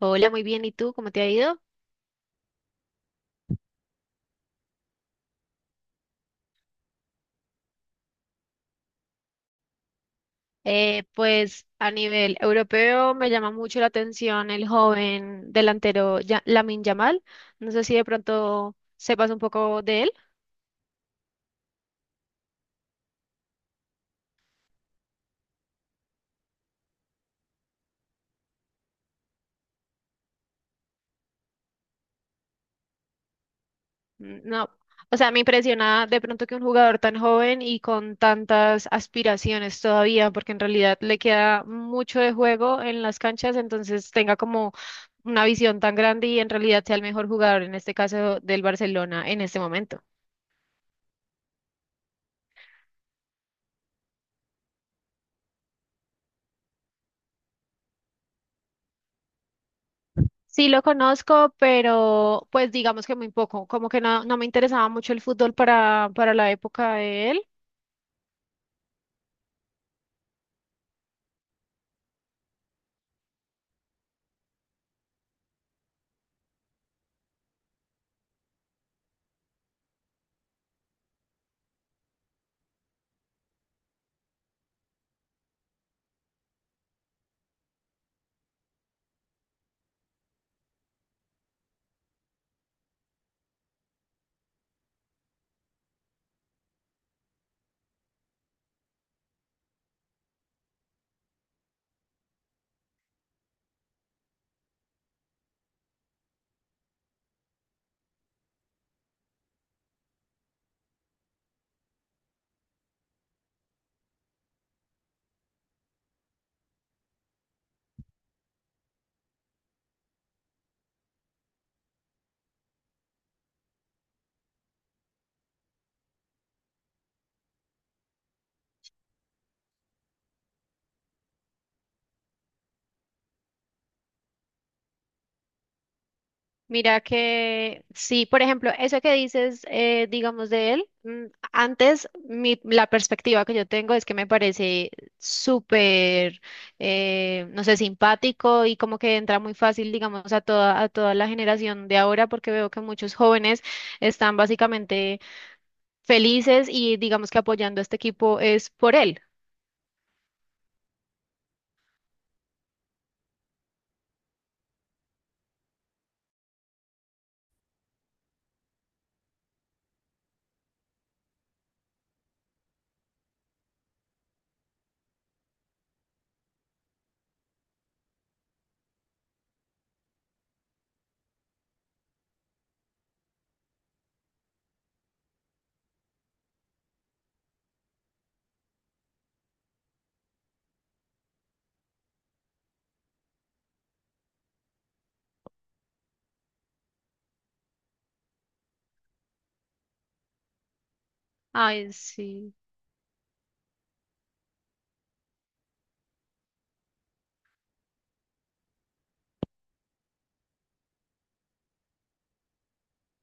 Hola, muy bien. ¿Y tú? ¿Cómo te ha ido? Pues a nivel europeo me llama mucho la atención el joven delantero Lamine Yamal. No sé si de pronto sepas un poco de él. Mm, no. O sea, me impresiona de pronto que un jugador tan joven y con tantas aspiraciones todavía, porque en realidad le queda mucho de juego en las canchas, entonces tenga como una visión tan grande y en realidad sea el mejor jugador, en este caso del Barcelona, en este momento. Sí lo conozco, pero pues digamos que muy poco, como que no, no me interesaba mucho el fútbol para la época de él. Mira que sí, por ejemplo, eso que dices, digamos, de él, antes la perspectiva que yo tengo es que me parece súper, no sé, simpático y como que entra muy fácil, digamos, a toda la generación de ahora, porque veo que muchos jóvenes están básicamente felices y digamos que apoyando a este equipo es por él. Ay, sí,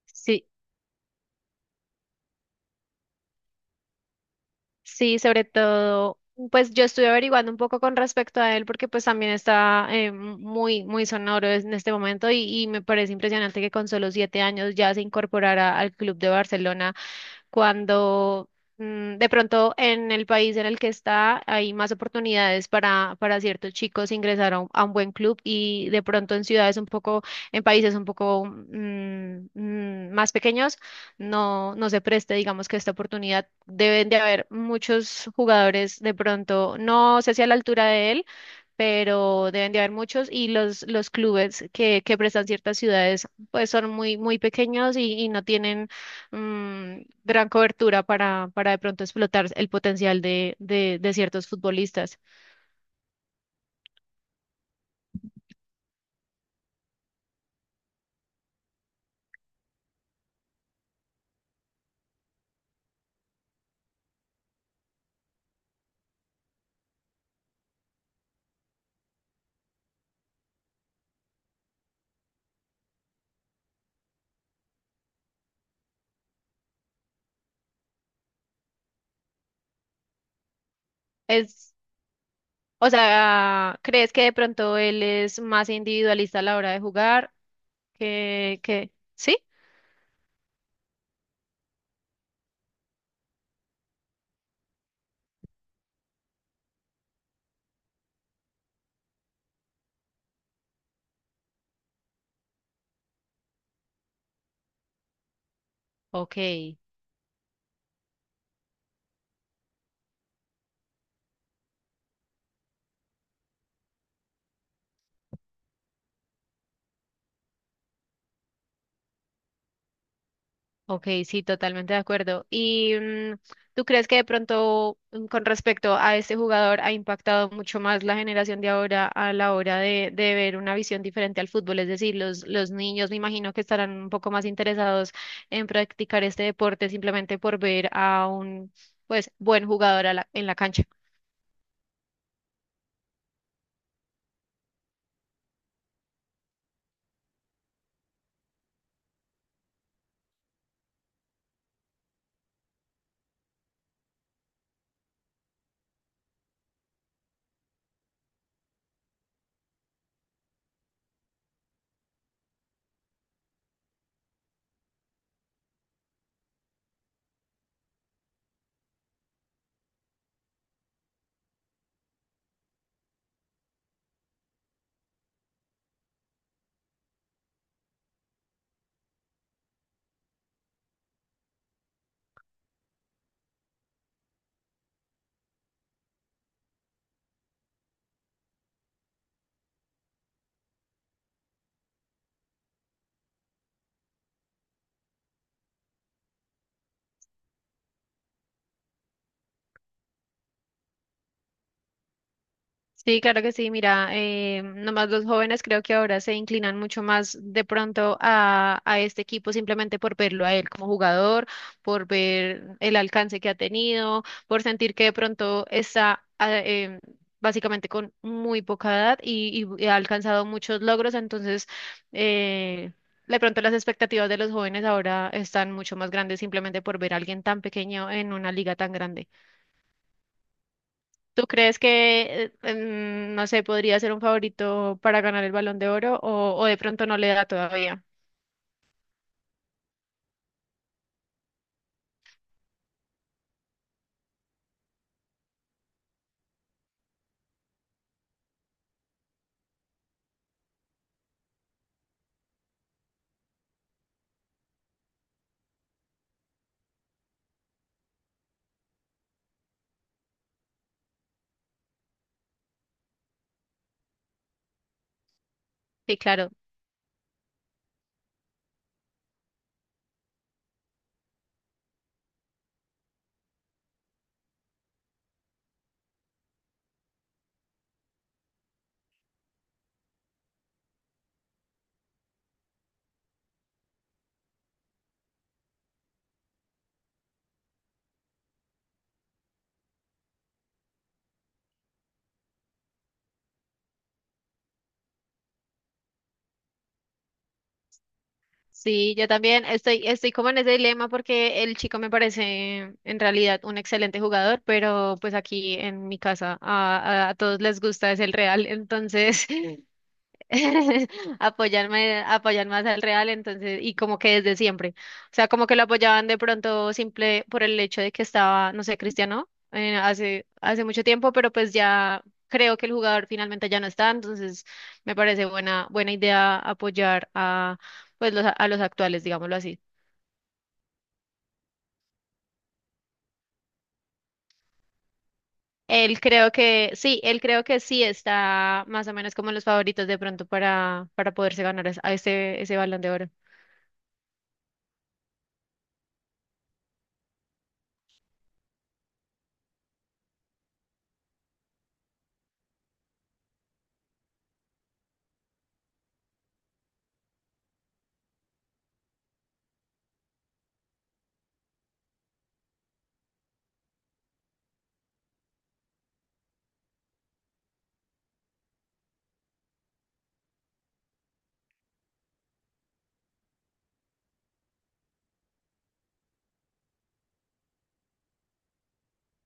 sí, sí, sobre todo, pues yo estuve averiguando un poco con respecto a él porque pues también está muy, muy sonoro en este momento y me parece impresionante que con solo 7 años ya se incorporara al Club de Barcelona cuando de pronto en el país en el que está hay más oportunidades para ciertos chicos ingresar a a un buen club y de pronto en ciudades un poco, en países un poco más pequeños, no, no se preste, digamos que esta oportunidad. Deben de haber muchos jugadores de pronto, no sé si a la altura de él, pero deben de haber muchos y los clubes que prestan ciertas ciudades pues son muy, muy pequeños y no tienen gran cobertura para de pronto explotar el potencial de ciertos futbolistas. Es, o sea, ¿crees que de pronto él es más individualista a la hora de jugar? ¿Sí? Ok. Ok, sí, totalmente de acuerdo. ¿Y tú crees que de pronto con respecto a este jugador ha impactado mucho más la generación de ahora a la hora de ver una visión diferente al fútbol? Es decir, los niños me imagino que estarán un poco más interesados en practicar este deporte simplemente por ver a un pues buen jugador en la cancha. Sí, claro que sí. Mira, nomás los jóvenes creo que ahora se inclinan mucho más de pronto a este equipo simplemente por verlo a él como jugador, por ver el alcance que ha tenido, por sentir que de pronto está básicamente con muy poca edad y ha alcanzado muchos logros. Entonces, eh, de pronto las expectativas de los jóvenes ahora están mucho más grandes simplemente por ver a alguien tan pequeño en una liga tan grande. ¿Tú crees que, no sé, podría ser un favorito para ganar el Balón de Oro o de pronto no le da todavía? Sí, claro. Sí, yo también estoy como en ese dilema porque el chico me parece en realidad un excelente jugador, pero pues aquí en mi casa a todos les gusta es el Real, entonces apoyar más al Real, entonces, y como que desde siempre. O sea, como que lo apoyaban de pronto simple por el hecho de que estaba, no sé, Cristiano, hace mucho tiempo, pero pues ya creo que el jugador finalmente ya no está, entonces me parece buena idea apoyar a, pues, a los actuales, digámoslo así. Él creo que, sí, él creo que sí está más o menos como en los favoritos de pronto para poderse ganar ese balón de oro.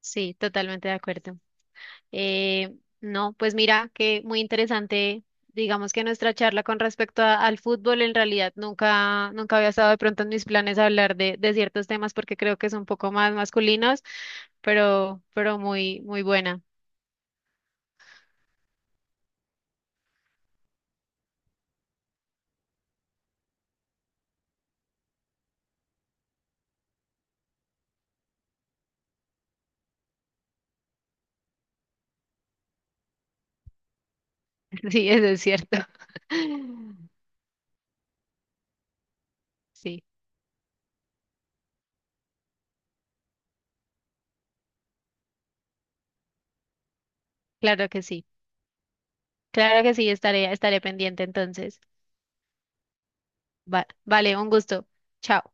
Sí, totalmente de acuerdo. No, pues mira, que muy interesante, digamos que nuestra charla con respecto al fútbol, en realidad nunca, nunca había estado de pronto en mis planes hablar de ciertos temas porque creo que son un poco más masculinos, pero muy, muy buena. Sí, eso es cierto. Sí, claro que sí. Claro que sí, estaré, estaré pendiente entonces. Vale, un gusto. Chao.